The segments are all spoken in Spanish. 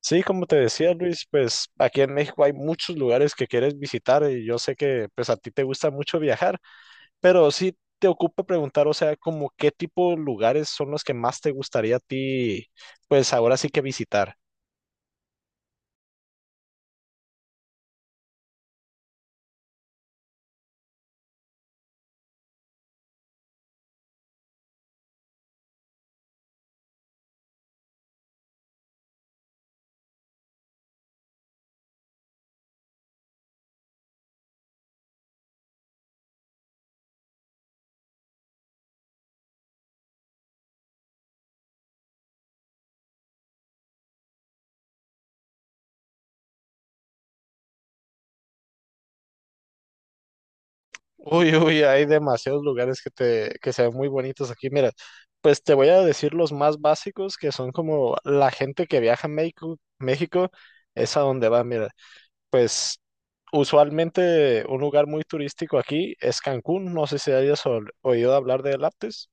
Sí, como te decía Luis, pues aquí en México hay muchos lugares que quieres visitar y yo sé que pues a ti te gusta mucho viajar, pero sí te ocupa preguntar, o sea, como qué tipo de lugares son los que más te gustaría a ti, pues ahora sí que visitar. Uy, uy, hay demasiados lugares que te, que se ven muy bonitos aquí. Mira, pues te voy a decir los más básicos que son como la gente que viaja a México. México es a donde va, mira. Pues usualmente un lugar muy turístico aquí es Cancún. No sé si hayas oído hablar de Aptis.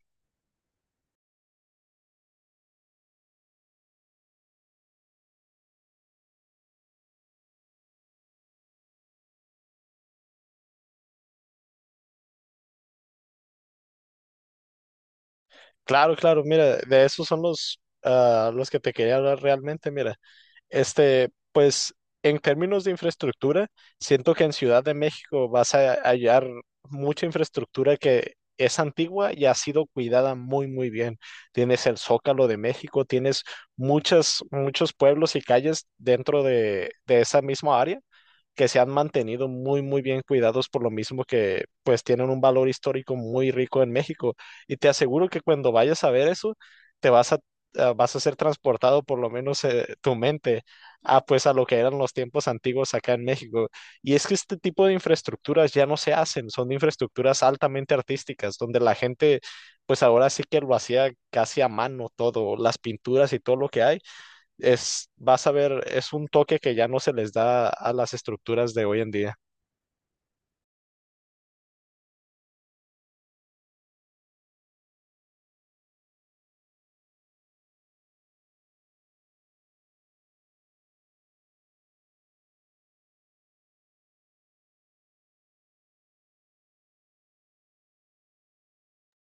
Claro, claro, mira, de esos son los, ah, los que te quería hablar realmente. Mira, pues en términos de infraestructura, siento que en Ciudad de México vas a hallar mucha infraestructura que es antigua y ha sido cuidada muy, muy bien. Tienes el Zócalo de México, tienes muchas, muchos pueblos y calles dentro de esa misma área que se han mantenido muy, muy bien cuidados por lo mismo que pues tienen un valor histórico muy rico en México. Y te aseguro que cuando vayas a ver eso, te vas a, vas a ser transportado por lo menos tu mente a pues a lo que eran los tiempos antiguos acá en México. Y es que este tipo de infraestructuras ya no se hacen, son infraestructuras altamente artísticas, donde la gente pues ahora sí que lo hacía casi a mano todo, las pinturas y todo lo que hay es, vas a ver, es un toque que ya no se les da a las estructuras de hoy en día.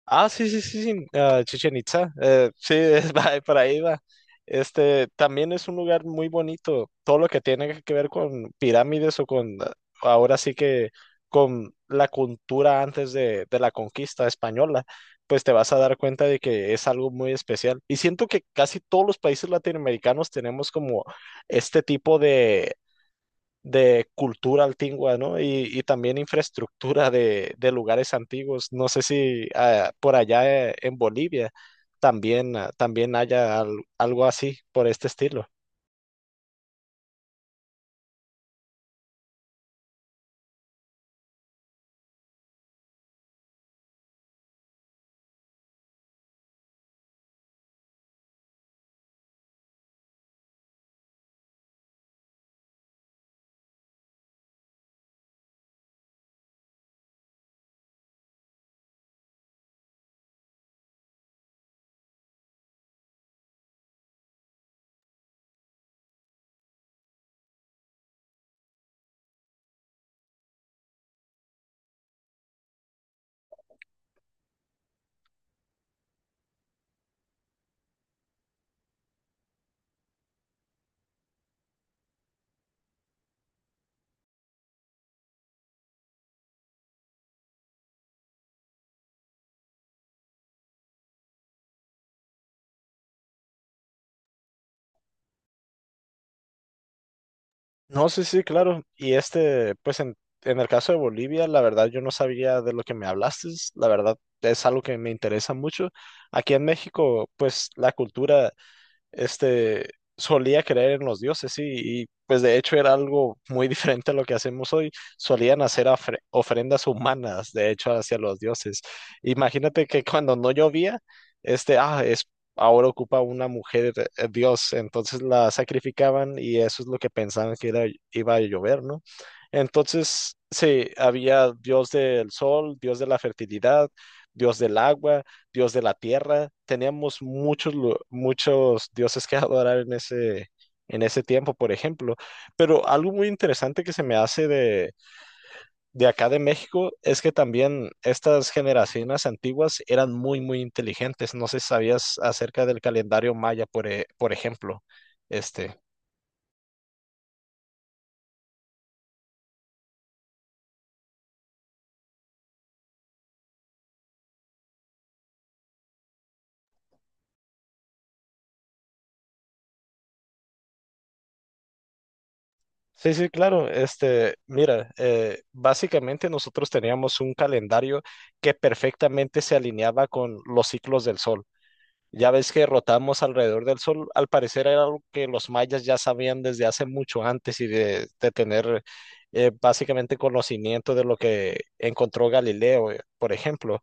Ah, sí, sí, sí, sí, ah, Chichen Itza. Sí, es, por ahí va. Este también es un lugar muy bonito. Todo lo que tiene que ver con pirámides o con, ah, ahora sí que con la cultura antes de la conquista española, pues te vas a dar cuenta de que es algo muy especial. Y siento que casi todos los países latinoamericanos tenemos como este tipo de cultura antigua, ¿no? Y también infraestructura de lugares antiguos. No sé si por allá en Bolivia también, ah, también haya algo así por este estilo. No, sí, sí, claro. Y este, pues en el caso de Bolivia, la verdad yo no sabía de lo que me hablaste. La verdad es algo que me interesa mucho. Aquí en México, pues la cultura este, solía creer en los dioses, sí y pues de hecho era algo muy diferente a lo que hacemos hoy. Solían hacer ofrendas humanas, de hecho, hacia los dioses. Imagínate que cuando no llovía, este, ah, es, ahora ocupa una mujer dios, entonces la sacrificaban y eso es lo que pensaban que iba a llover, ¿no? Entonces, sí, había dios del sol, dios de la fertilidad, dios del agua, dios de la tierra. Teníamos muchos, muchos dioses que adorar en ese tiempo, por ejemplo. Pero algo muy interesante que se me hace de acá de México es que también estas generaciones antiguas eran muy, muy inteligentes. No sé si sabías acerca del calendario maya, por, por ejemplo. Este. Sí, sí, claro. Este, mira, básicamente nosotros teníamos un calendario que perfectamente se alineaba con los ciclos del sol. Ya ves que rotamos alrededor del Sol, al parecer era algo que los mayas ya sabían desde hace mucho antes y de tener básicamente conocimiento de lo que encontró Galileo, por ejemplo.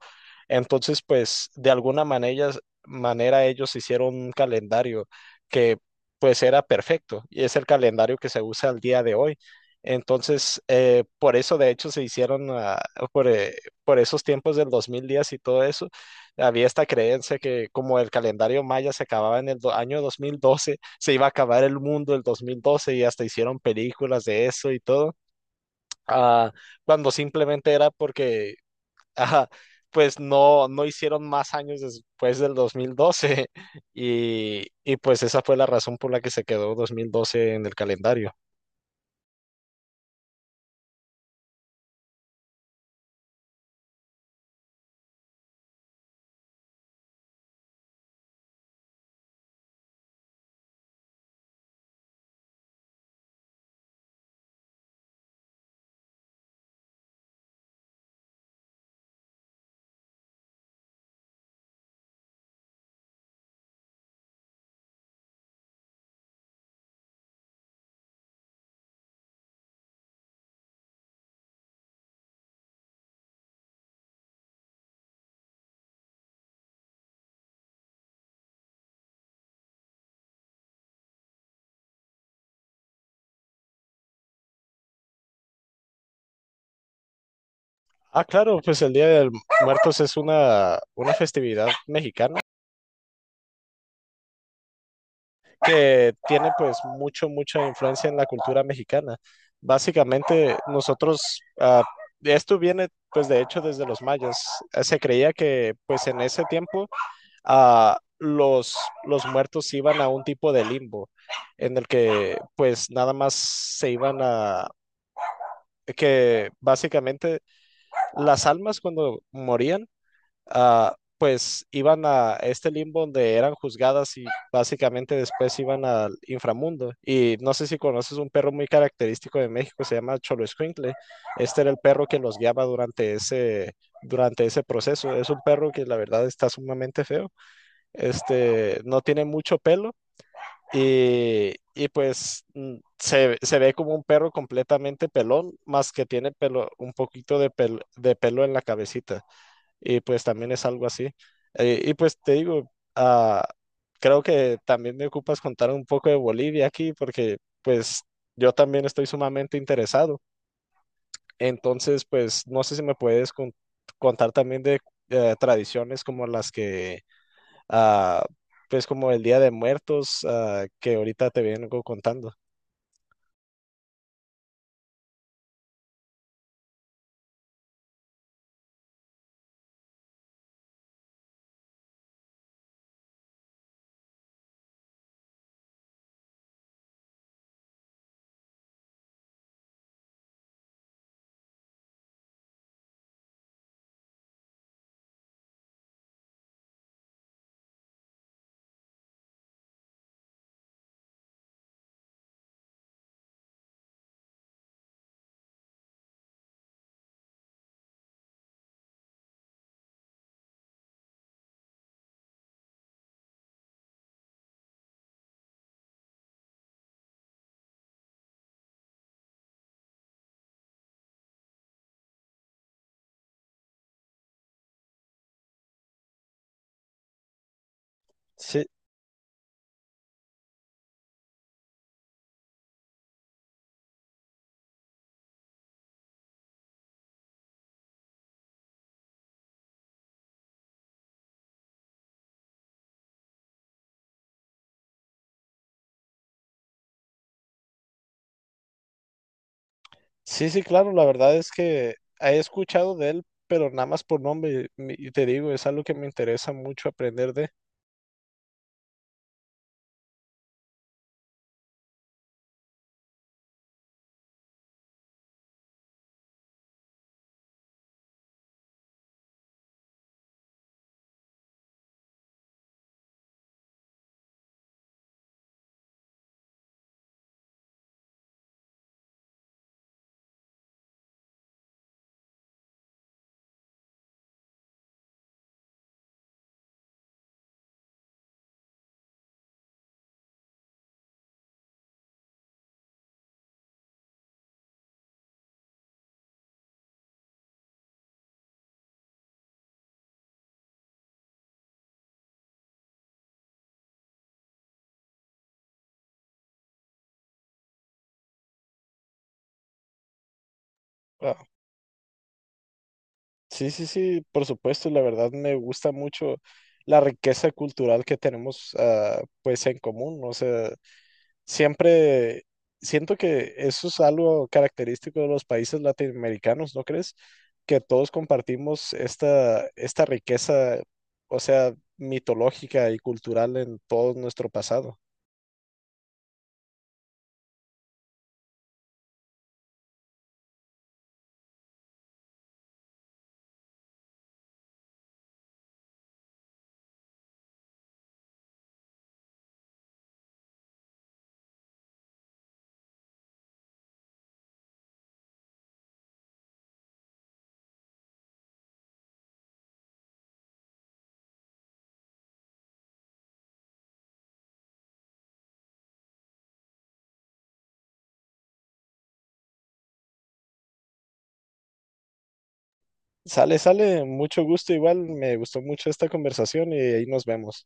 Entonces, pues de alguna manera, manera ellos hicieron un calendario que pues era perfecto y es el calendario que se usa al día de hoy. Entonces, por eso de hecho se hicieron ah, por, eh, por esos tiempos del dos mil días y todo eso había esta creencia que como el calendario maya se acababa en el año 2012, se iba a acabar el mundo el 2012 y hasta hicieron películas de eso y todo, ah, cuando simplemente era porque ah, pues no, no hicieron más años después del 2012 y pues esa fue la razón por la que se quedó 2012 en el calendario. Ah, claro, pues el Día de Muertos es una festividad mexicana, que tiene pues mucho, mucha influencia en la cultura mexicana. Básicamente nosotros, ah, esto viene pues de hecho desde los mayas. Se creía que pues en ese tiempo ah, los muertos iban a un tipo de limbo en el que pues nada más se iban a... que básicamente las almas cuando morían ah, pues iban a este limbo donde eran juzgadas y básicamente después iban al inframundo. Y no sé si conoces un perro muy característico de México, se llama Xoloescuincle. Este era el perro que los guiaba durante ese proceso. Es un perro que la verdad está sumamente feo. Este, no tiene mucho pelo. Y pues mm, se ve como un perro completamente pelón, más que tiene pelo, un poquito de, de pelo en la cabecita y pues también es algo así. Y pues te digo, ah, creo que también me ocupas contar un poco de Bolivia aquí porque pues yo también estoy sumamente interesado. Entonces, pues no sé si me puedes contar también de tradiciones como las que, ah, pues como el Día de Muertos, ah, que ahorita te vengo contando. Sí, sí, sí, claro, la verdad es que he escuchado de él, pero nada más por nombre, y te digo, es algo que me interesa mucho aprender de. Wow. Sí, sí, sí, por supuesto, la verdad me gusta mucho la riqueza cultural que tenemos ah, pues en común, o sea, siempre siento que eso es algo característico de los países latinoamericanos, ¿no crees? Que todos compartimos esta, esta riqueza, o sea, mitológica y cultural en todo nuestro pasado. Sale, sale, mucho gusto igual, me gustó mucho esta conversación y ahí nos vemos.